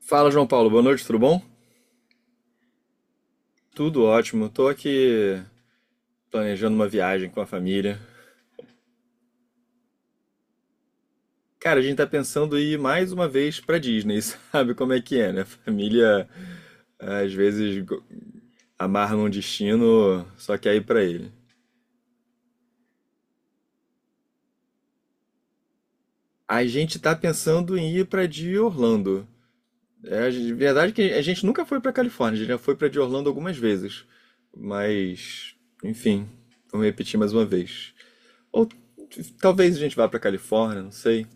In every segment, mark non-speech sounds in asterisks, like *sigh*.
Fala, João Paulo. Boa noite, tudo bom? Tudo ótimo. Tô aqui planejando uma viagem com a família. Cara, a gente tá pensando em ir mais uma vez pra Disney, *laughs* sabe como é que é, né? Família às vezes amarra num destino, só quer ir pra ele. A gente tá pensando em ir pra de Orlando. É verdade é que a gente nunca foi pra Califórnia, a gente já foi pra de Orlando algumas vezes. Mas, enfim, vamos repetir mais uma vez. Ou t- Talvez a gente vá pra Califórnia, não sei.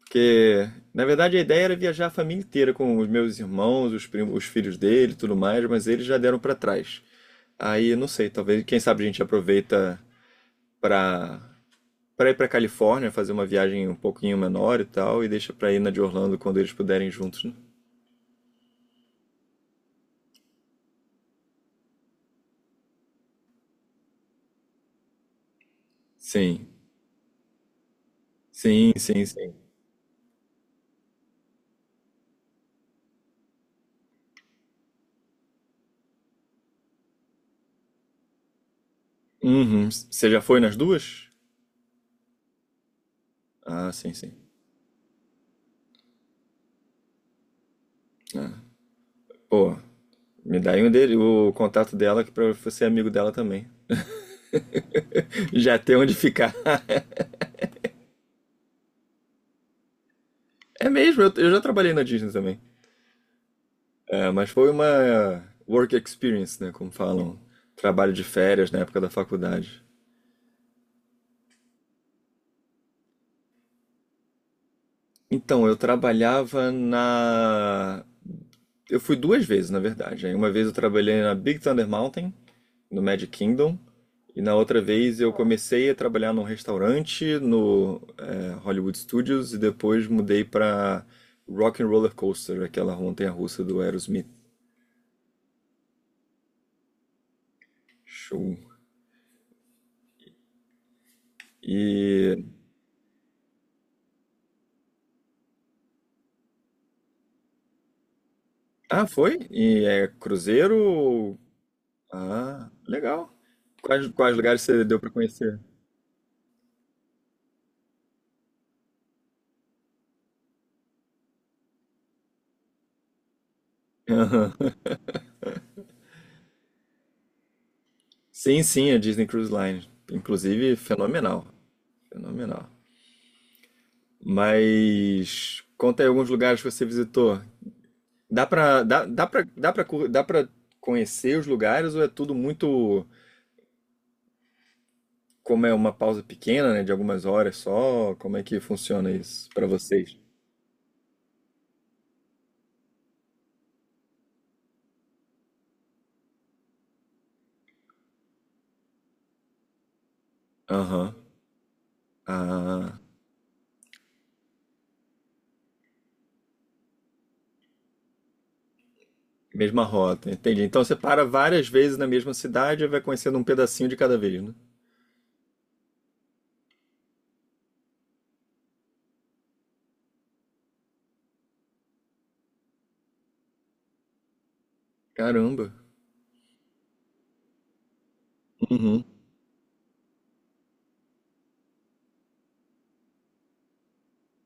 Porque, na verdade, a ideia era viajar a família inteira com os meus irmãos, os primos, os filhos dele, e tudo mais, mas eles já deram pra trás. Aí, não sei, talvez, quem sabe a gente aproveita pra para ir pra Califórnia, fazer uma viagem um pouquinho menor e tal, e deixa pra ir na de Orlando quando eles puderem juntos, né? Sim, sim, sim, sim. Uhum. Você já foi nas duas? Ah, sim, sim. Ah. Pô, me dá aí um dele, o contato dela, que pra eu ser amigo dela também. *laughs* Já tem onde ficar. *laughs* É mesmo, eu já trabalhei na Disney também. É, mas foi uma work experience, né? Como falam. Trabalho de férias na época da faculdade. Então, eu trabalhava na. Eu fui duas vezes, na verdade. Aí uma vez eu trabalhei na Big Thunder Mountain, no Magic Kingdom. E na outra vez eu comecei a trabalhar num restaurante no é, Hollywood Studios e depois mudei para Rock and Roller Coaster, aquela montanha-russa do Aerosmith. Show. E ah, foi? E é cruzeiro ou Ah, legal. Quais lugares você deu para conhecer? *laughs* Aham. Sim, sim, a Disney Cruise Line. Inclusive, fenomenal. Fenomenal. Mas conta aí alguns lugares que você visitou. Dá pra conhecer os lugares ou é tudo muito, como é uma pausa pequena, né, de algumas horas só? Como é que funciona isso pra vocês? Aham. Ah, mesma rota, entendi. Então você para várias vezes na mesma cidade e vai conhecendo um pedacinho de cada vez, né? Caramba. Uhum.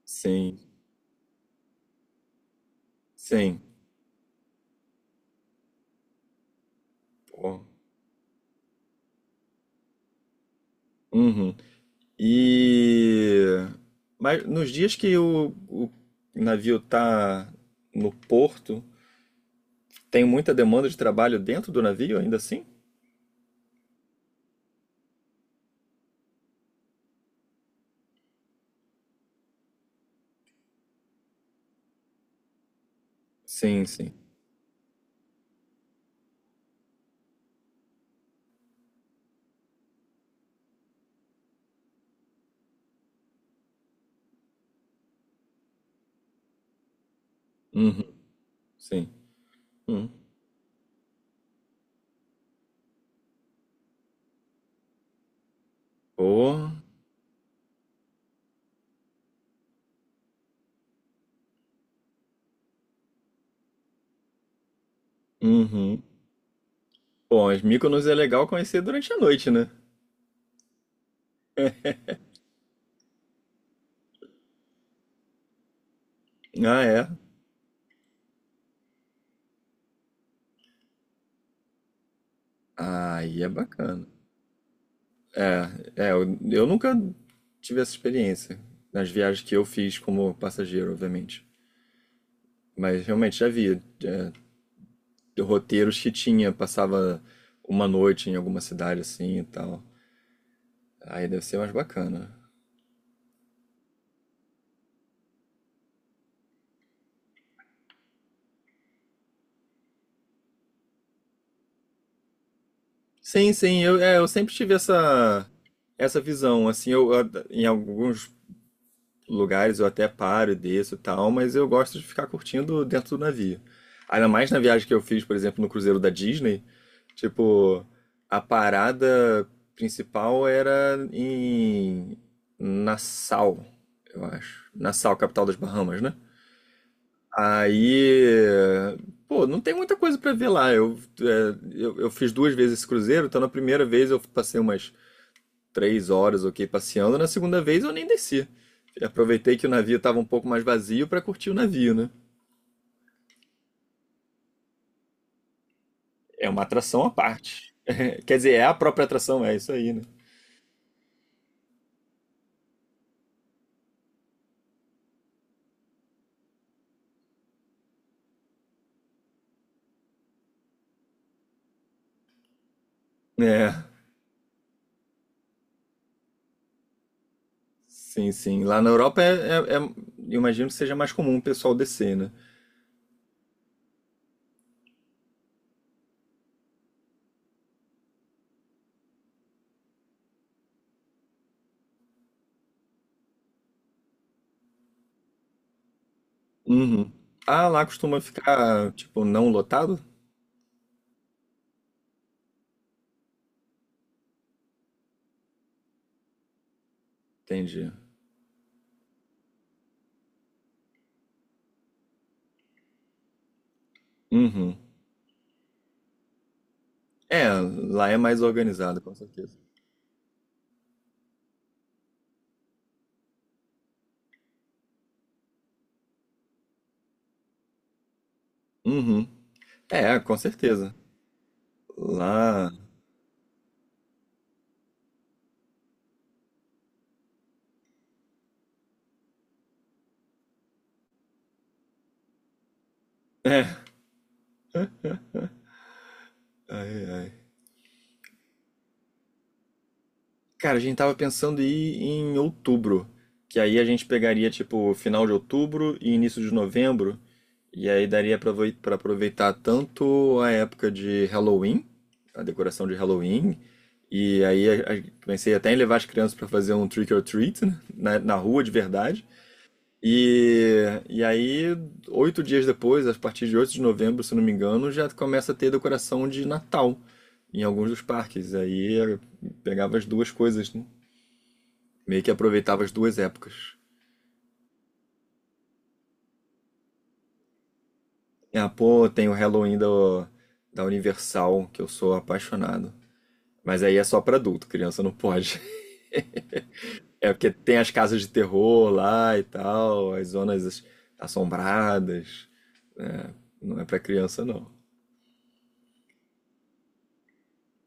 Sim, sim. Pô. Uhum. E mas nos dias que o navio tá no porto, tem muita demanda de trabalho dentro do navio ainda assim? Sim, sim. Uhum, sim. Uhum. Pô. Uhum. Bom, as Mykonos é legal conhecer durante a noite, né? Ah, é. Ah, aí é bacana. É, é, eu nunca tive essa experiência nas viagens que eu fiz como passageiro, obviamente. Mas realmente já vi é, roteiros que tinha, passava uma noite em alguma cidade assim e tal. Aí deve ser mais bacana. Sim, sim, eu, é, eu sempre tive essa, essa visão, assim, em alguns lugares eu até paro, e desço e tal, mas eu gosto de ficar curtindo dentro do navio. Ainda mais na viagem que eu fiz, por exemplo, no cruzeiro da Disney, tipo, a parada principal era em Nassau, eu acho. Nassau, capital das Bahamas, né? Aí, pô, não tem muita coisa pra ver lá. Eu, é, eu fiz duas vezes esse cruzeiro, então na primeira vez eu passei umas 3 horas, ok, passeando. Na segunda vez eu nem desci. Aproveitei que o navio estava um pouco mais vazio para curtir o navio, né? É uma atração à parte. *laughs* Quer dizer, é a própria atração, é isso aí, né? É, sim, sim. Lá na Europa é, eu imagino que seja mais comum o pessoal descer, né? Uhum. Ah, lá costuma ficar, tipo, não lotado? Entendi. Uhum. É, lá é mais organizado, com certeza. Uhum. É, com certeza. Lá. É. Ai, ai. Cara, a gente tava pensando em ir em outubro, que aí a gente pegaria tipo final de outubro e início de novembro, e aí daria pra aproveitar tanto a época de Halloween, a decoração de Halloween, e aí pensei até em levar as crianças pra fazer um trick or treat, né, na rua de verdade. E, e aí, 8 dias depois, a partir de 8 de novembro, se não me engano, já começa a ter decoração de Natal em alguns dos parques. Aí eu pegava as duas coisas, né? Meio que aproveitava as duas épocas. Ah, pô, tem o Halloween do, da Universal, que eu sou apaixonado. Mas aí é só pra adulto, criança não pode. *laughs* É porque tem as casas de terror lá e tal, assombradas. Né? Não é pra criança, não.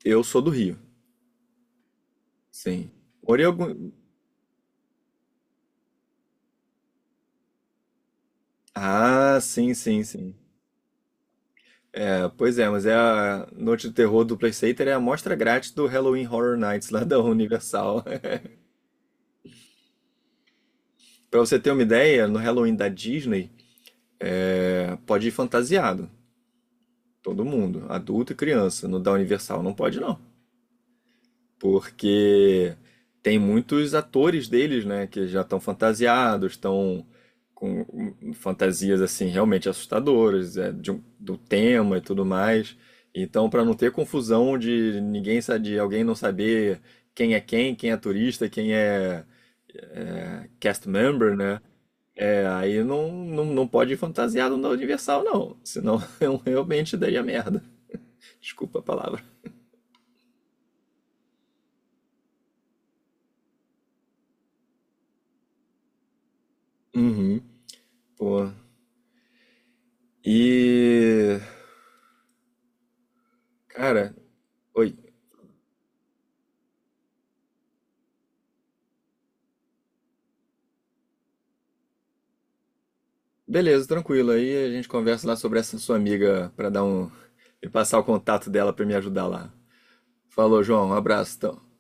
Eu sou do Rio, sim. Morei algum. Ah, sim, sim, sim. É, pois é, mas é a Noite do Terror do Playstater é a amostra grátis do Halloween Horror Nights lá da Universal. *laughs* Pra você ter uma ideia, no Halloween da Disney, é, pode ir fantasiado, todo mundo, adulto e criança. No da Universal não pode não, porque tem muitos atores deles, né, que já estão fantasiados, estão com fantasias assim realmente assustadoras, é, do tema e tudo mais. Então, para não ter confusão de de alguém não saber quem é quem, quem é turista, quem é, é, cast member, né? É, aí não, não, não pode ir fantasiado na Universal, não. Senão *laughs* eu realmente daria merda. Desculpa a palavra. Uhum. Pô. E. Cara, oi. Beleza, tranquilo. Aí a gente conversa lá sobre essa sua amiga pra dar um. E passar o contato dela pra me ajudar lá. Falou, João. Um abraço, então.